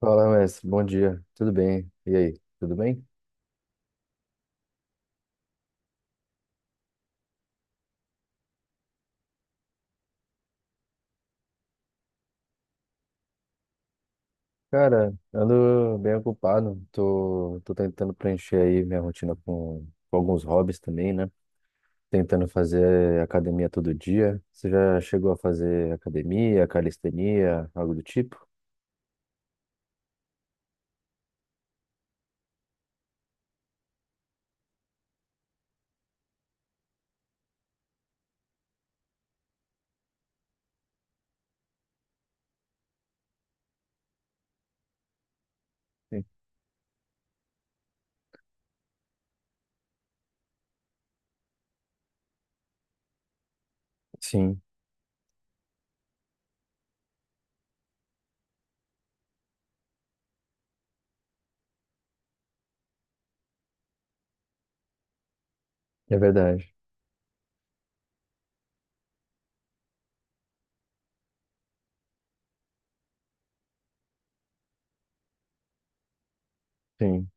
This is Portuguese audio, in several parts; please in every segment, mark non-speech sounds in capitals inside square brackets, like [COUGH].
Fala, mestre. Bom dia. Tudo bem? E aí? Tudo bem? Cara, ando bem ocupado. Tô tentando preencher aí minha rotina com alguns hobbies também, né? Tentando fazer academia todo dia. Você já chegou a fazer academia, calistenia, algo do tipo? Sim, sim, é verdade. Sim.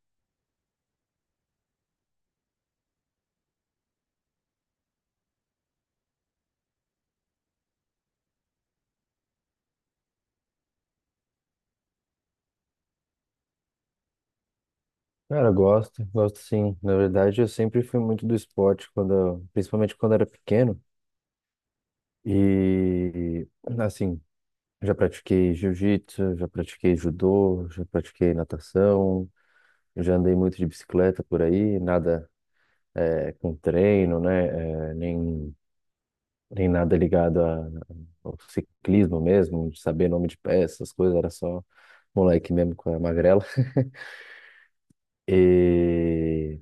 Cara, eu gosto, gosto sim. Na verdade, eu sempre fui muito do esporte, principalmente quando eu era pequeno. E assim, Já pratiquei jiu-jitsu, já pratiquei judô, já pratiquei natação, já andei muito de bicicleta por aí, nada com treino, né? eh, nem, nem nada ligado ao ciclismo mesmo, de saber nome de peças, essas coisas, era só moleque mesmo com a magrela. E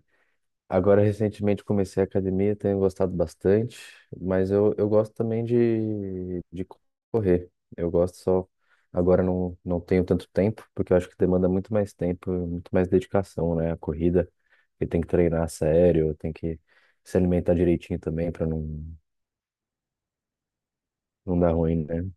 Agora, recentemente, comecei a academia, tenho gostado bastante, mas eu gosto também de correr. Eu gosto só. Agora não, não tenho tanto tempo, porque eu acho que demanda muito mais tempo, muito mais dedicação, né? A corrida, porque tem que treinar a sério, tem que se alimentar direitinho também para não, não dar ruim, né?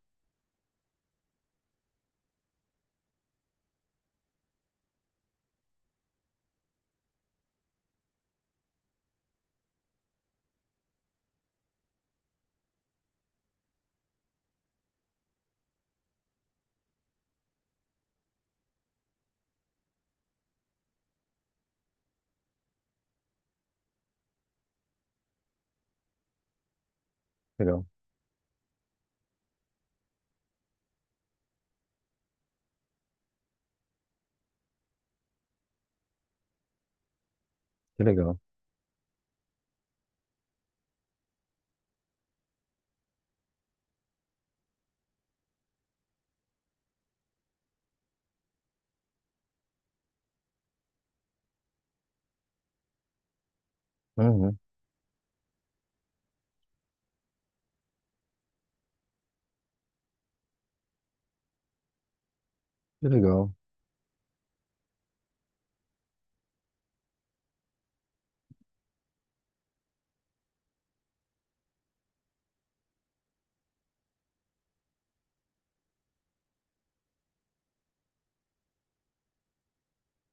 Legal, que legal. Uhum, que legal.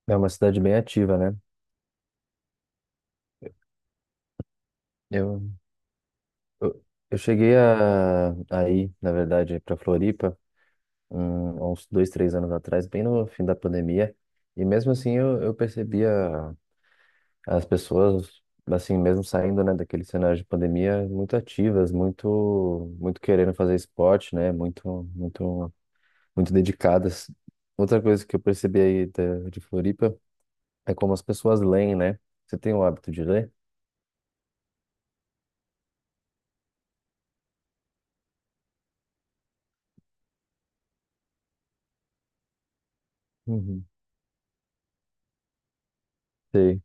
É uma cidade bem ativa, né? Eu, eu, eu cheguei a ir, na verdade, para Floripa. Há uns dois, três anos atrás, bem no fim da pandemia. E mesmo assim eu percebia as pessoas, assim, mesmo saindo, né, daquele cenário de pandemia, muito ativas, muito, muito querendo fazer esporte, né, muito dedicadas. Outra coisa que eu percebi de Floripa é como as pessoas leem, né? Você tem o hábito de ler? Uhum. Sei,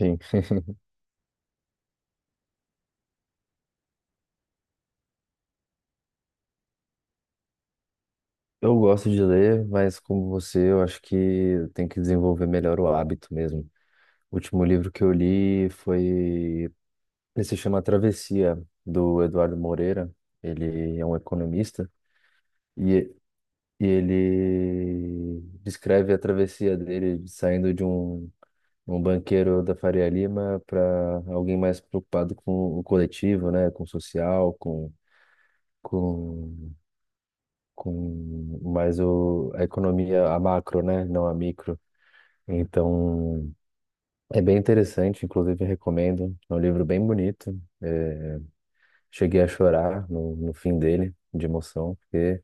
sim. [LAUGHS] Eu gosto de ler, mas como você, eu acho que tem que desenvolver melhor o hábito mesmo. O último livro que eu li foi. Ele se chama Travessia, do Eduardo Moreira. Ele é um economista e, e ele descreve a travessia dele saindo de um, um banqueiro da Faria Lima para alguém mais preocupado com o coletivo, né? Com o social, com, com mais a economia, a macro, né? Não a micro. Então, é bem interessante, inclusive recomendo. É um livro bem bonito. Cheguei a chorar no, no fim dele, de emoção, porque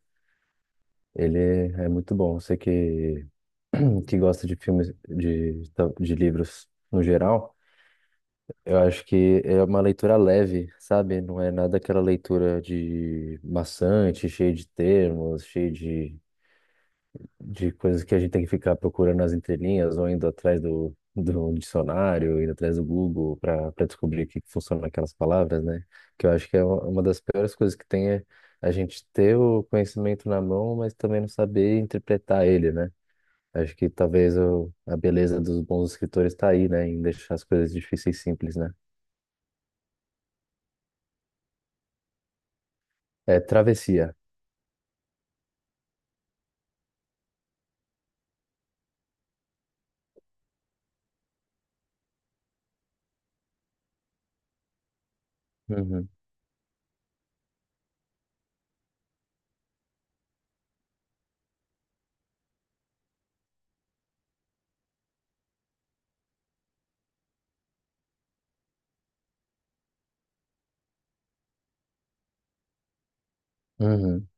ele é muito bom. [CLEARS THROAT] Que gosta de filmes, de livros no geral, eu acho que é uma leitura leve, sabe? Não é nada aquela leitura de maçante, cheia de termos, cheia de coisas que a gente tem que ficar procurando nas entrelinhas ou indo atrás do, do dicionário, indo atrás do Google para para descobrir o que que funciona aquelas palavras, né? Que eu acho que é uma das piores coisas que tem é a gente ter o conhecimento na mão, mas também não saber interpretar ele, né? Acho que talvez a beleza dos bons escritores está aí, né? Em deixar as coisas difíceis e simples, né? É travessia. Uhum. Uhum.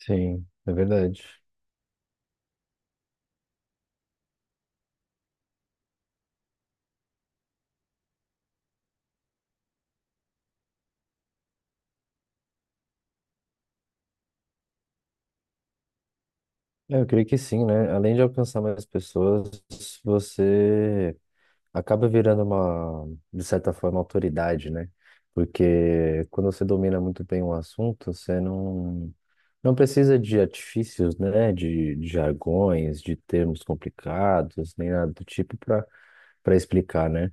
Sim, é verdade. É, eu creio que sim, né? Além de alcançar mais pessoas, você acaba virando uma, de certa forma, autoridade, né? Porque quando você domina muito bem um assunto, você não, não precisa de artifícios, né? De jargões, de termos complicados, nem nada do tipo para para explicar, né?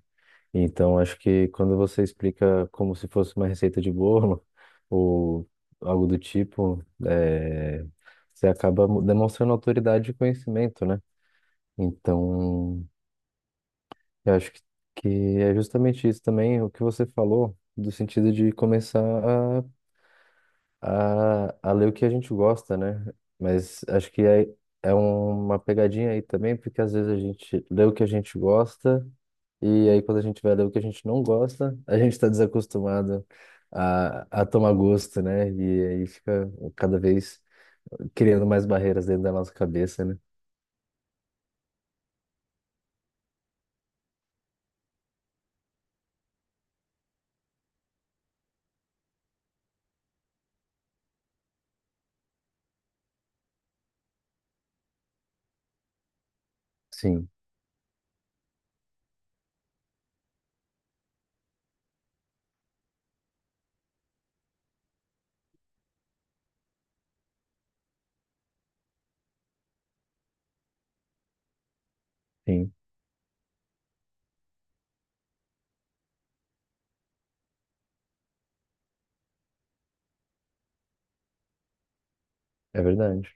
Então, acho que quando você explica como se fosse uma receita de bolo [LAUGHS] ou algo do tipo, é, você acaba demonstrando autoridade e conhecimento, né? Então, eu acho que é justamente isso também, o que você falou, do sentido de começar a, a ler o que a gente gosta, né? Mas acho que é, é uma pegadinha aí também, porque às vezes a gente lê o que a gente gosta, e aí quando a gente vai ler o que a gente não gosta, a gente está desacostumado a tomar gosto, né? E aí fica cada vez criando mais barreiras dentro da nossa cabeça, né? Sim, sim, é verdade.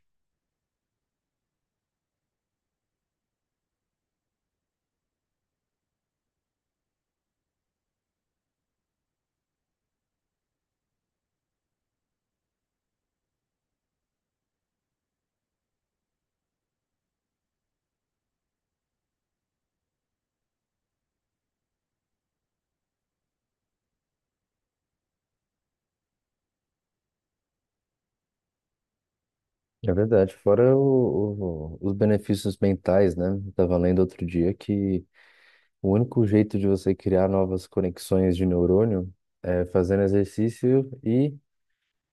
É verdade, fora os benefícios mentais, né? Eu tava lendo outro dia que o único jeito de você criar novas conexões de neurônio é fazendo exercício e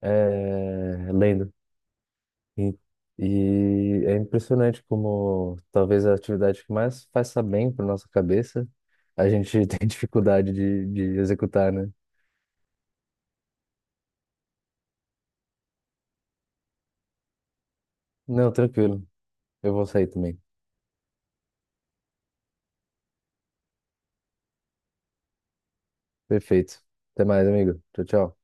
é, lendo. E, e é impressionante como talvez a atividade que mais faça bem para nossa cabeça, a gente [LAUGHS] tem dificuldade de executar, né? Não, tranquilo, eu vou sair também. Perfeito. Até mais, amigo. Tchau, tchau.